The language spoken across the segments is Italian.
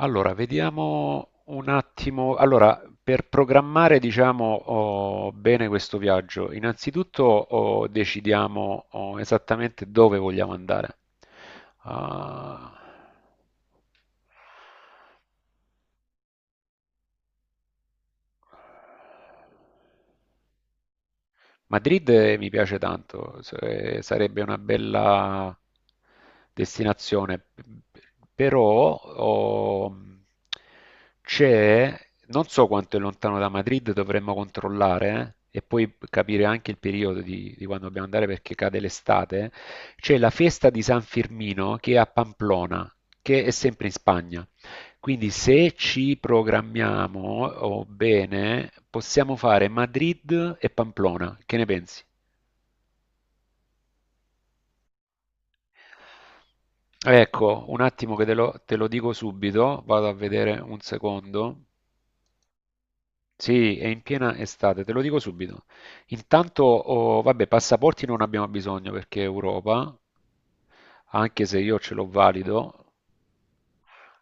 Allora, vediamo un attimo. Allora, per programmare, diciamo, bene questo viaggio, innanzitutto decidiamo esattamente dove vogliamo andare. Ah, Madrid, mi piace tanto, sarebbe una bella destinazione, p- però c'è, non so quanto è lontano da Madrid, dovremmo controllare e poi capire anche il periodo di quando dobbiamo andare perché cade l'estate. C'è la festa di San Firmino che è a Pamplona, che è sempre in Spagna. Quindi se ci programmiamo oh, bene, possiamo fare Madrid e Pamplona. Che ne pensi? Ecco, un attimo che te lo dico subito, vado a vedere un secondo. Sì, è in piena estate, te lo dico subito. Intanto, vabbè, passaporti non abbiamo bisogno perché è Europa, anche se io ce l'ho valido.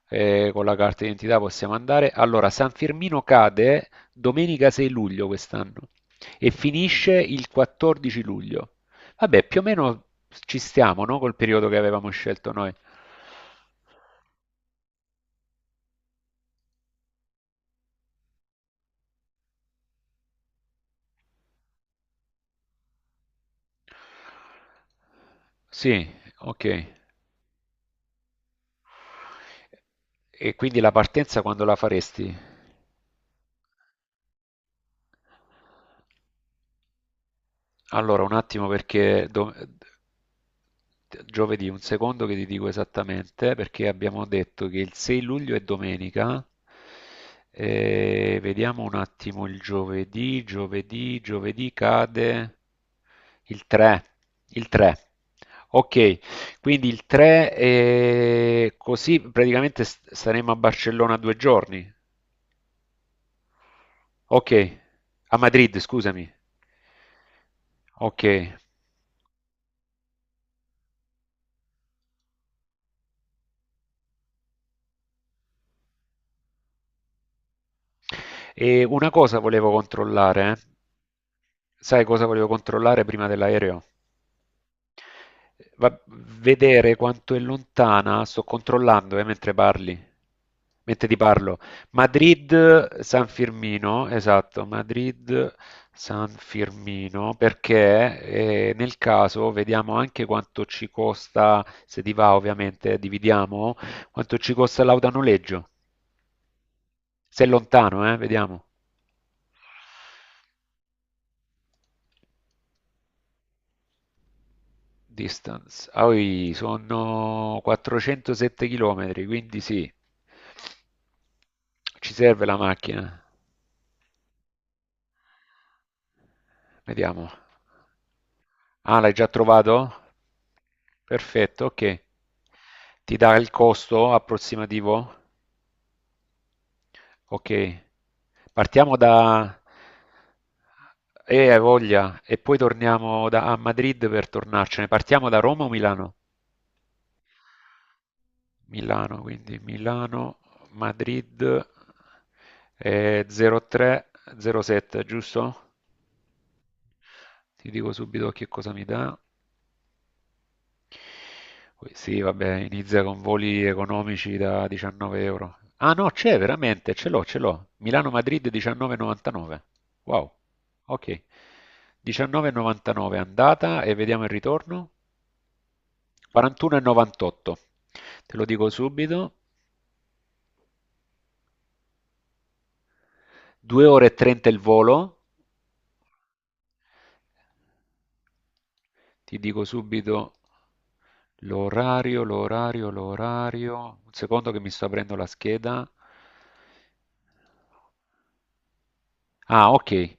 Con la carta d'identità possiamo andare. Allora, San Firmino cade domenica 6 luglio quest'anno e finisce il 14 luglio. Vabbè, più o meno ci stiamo, no? Col periodo che avevamo scelto noi. Sì, ok. E quindi la partenza quando la faresti? Allora, un attimo perché giovedì, un secondo che ti dico esattamente, perché abbiamo detto che il 6 luglio è domenica. E vediamo un attimo il giovedì cade il 3. Ok, quindi il 3 e così praticamente saremo a Barcellona 2 giorni. Ok, a Madrid, scusami. Ok. E una cosa volevo controllare. Sai cosa volevo controllare prima dell'aereo? Va- Vedere quanto è lontana, sto controllando mentre parli, mentre ti parlo. Madrid San Firmino, esatto, Madrid San Firmino, perché nel caso vediamo anche quanto ci costa, se ti va ovviamente, dividiamo, quanto ci costa l'autonoleggio. Se è lontano, vediamo. Distance. Ah, oi, sono 407 km, quindi sì, ci serve la macchina. Vediamo. Ah, l'hai già trovato? Perfetto, ok. Ti dà il costo approssimativo? Ok. Partiamo da. E hai voglia, e poi torniamo da, a Madrid per tornarcene. Partiamo da Roma o Milano? Milano, quindi Milano, Madrid, 03, 07, giusto? Ti dico subito che cosa mi dà. Poi sì, vabbè, inizia con voli economici da 19 euro. Ah no, c'è veramente, ce l'ho, ce l'ho. Milano-Madrid 19,99. Wow, ok. 19,99 andata e vediamo il ritorno. 41,98. Te lo dico subito. 2 ore e 30 il volo. Ti dico subito l'orario. Un secondo che mi sto aprendo la scheda. Ah, ok.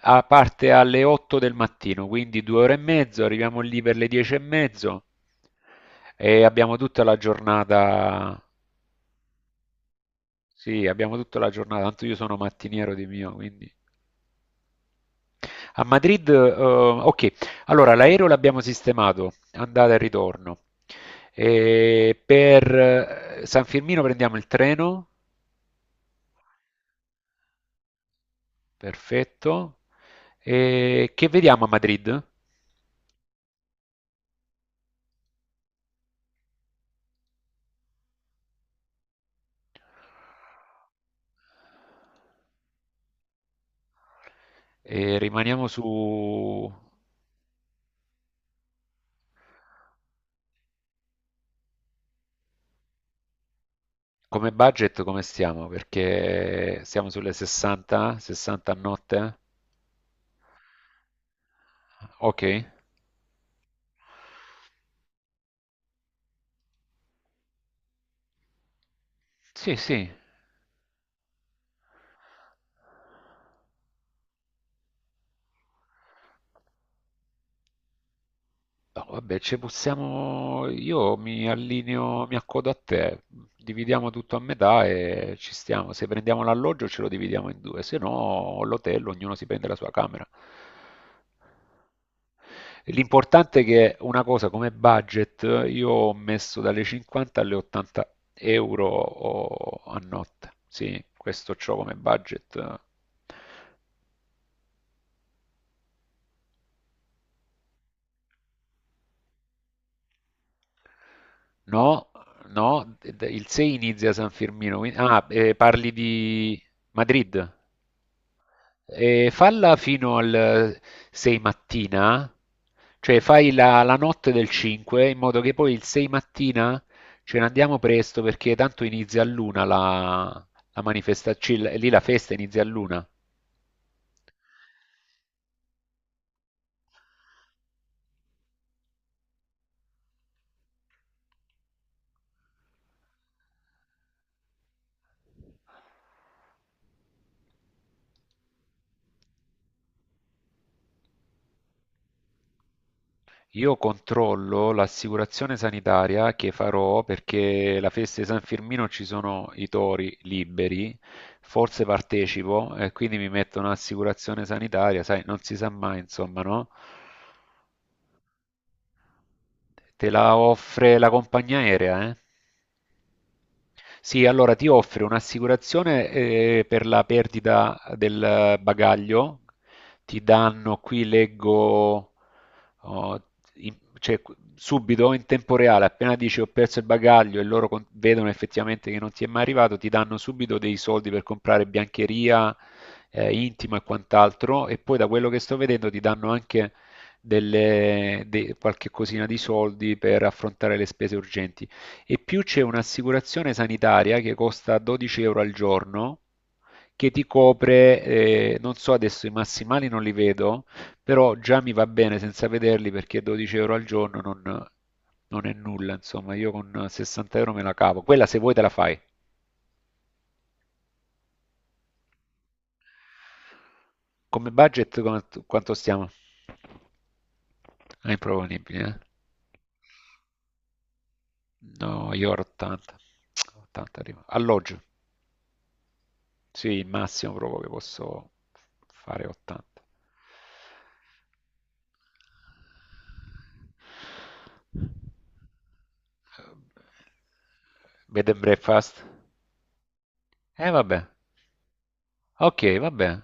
Ah, parte alle 8 del mattino, quindi 2 ore e mezzo, arriviamo lì per le 10 e mezzo e abbiamo tutta la giornata. Sì, abbiamo tutta la giornata. Tanto io sono mattiniero di mio, quindi. A Madrid, ok, allora l'aereo l'abbiamo sistemato, andata e ritorno. E per San Firmino prendiamo il treno, perfetto. E che vediamo a Madrid? E rimaniamo su come budget, come stiamo? Perché siamo sulle 60 a notte? Eh? Ok, sì, sì. No, vabbè, ci possiamo. Io mi allineo, mi accodo a te. Dividiamo tutto a metà e ci stiamo. Se prendiamo l'alloggio ce lo dividiamo in due, se no l'hotel, ognuno si prende la sua camera. L'importante è che una cosa come budget, io ho messo dalle 50 alle 80 euro a notte. Sì, questo c'ho come budget. No, no, il 6 inizia San Firmino. Ah, parli di Madrid. E falla fino al 6 mattina, cioè fai la notte del 5 in modo che poi il 6 mattina ce ne andiamo presto perché tanto inizia all'una la manifestazione, lì la festa inizia all'una. Io controllo l'assicurazione sanitaria che farò perché la festa di San Firmino ci sono i tori liberi, forse partecipo e quindi mi metto un'assicurazione sanitaria, sai, non si sa mai, insomma, no? Te la offre la compagnia aerea, eh? Sì, allora ti offre un'assicurazione per la perdita del bagaglio, ti danno, qui leggo, oh, in- cioè, subito in tempo reale, appena dici ho perso il bagaglio e loro vedono effettivamente che non ti è mai arrivato, ti danno subito dei soldi per comprare biancheria, intima e quant'altro, e poi da quello che sto vedendo ti danno anche qualche cosina di soldi per affrontare le spese urgenti. E più c'è un'assicurazione sanitaria che costa 12 euro al giorno, che ti copre, non so adesso i massimali non li vedo, però già mi va bene senza vederli perché 12 euro al giorno non è nulla, insomma, io con 60 euro me la cavo. Quella se vuoi te la fai. Come budget quanto stiamo? È improponibile, eh? No, io ero 80. 80 arrivo. Alloggio, sì, il massimo proprio che posso fare 80. Bed and breakfast? Eh vabbè, okay, vabbè,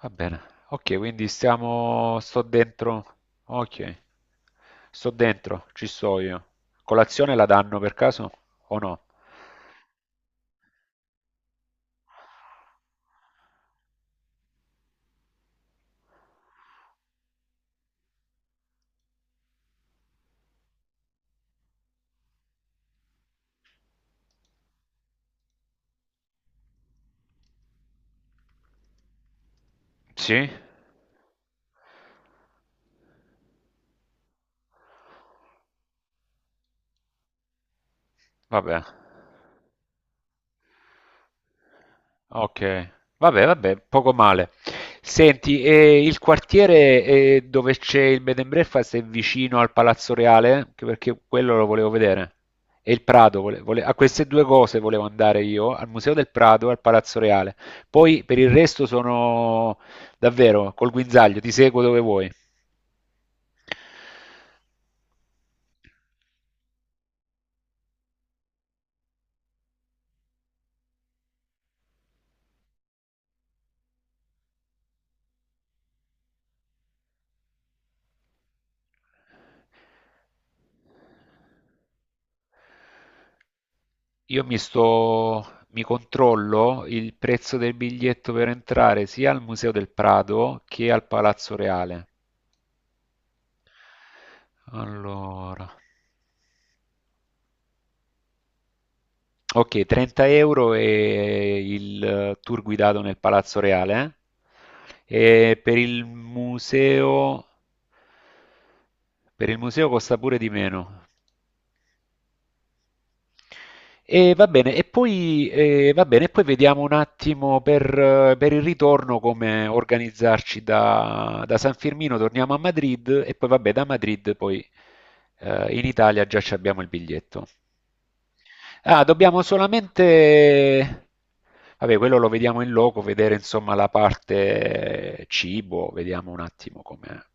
va bene. Okay, quindi stiamo sto dentro, okay. Sto dentro, ci sto io. Colazione la danno per caso o no? Sì? Vabbè. Okay. Vabbè, vabbè, poco male. Senti, e il quartiere, dove c'è il bed and breakfast è vicino al Palazzo Reale? Anche perché quello lo volevo vedere. E il Prado, vole vole a queste 2 cose volevo andare io, al Museo del Prado e al Palazzo Reale. Poi per il resto sono davvero col guinzaglio, ti seguo dove vuoi. Io mi controllo il prezzo del biglietto per entrare sia al Museo del Prado che al Palazzo Reale. Allora, ok, 30 euro e il tour guidato nel Palazzo Reale. E per il museo costa pure di meno. E va bene, e poi, va bene, e poi vediamo un attimo per il ritorno come organizzarci da San Firmino, torniamo a Madrid e poi vabbè da Madrid poi in Italia già ci abbiamo il biglietto. Ah, dobbiamo solamente, vabbè quello lo vediamo in loco, vedere insomma la parte cibo, vediamo un attimo come.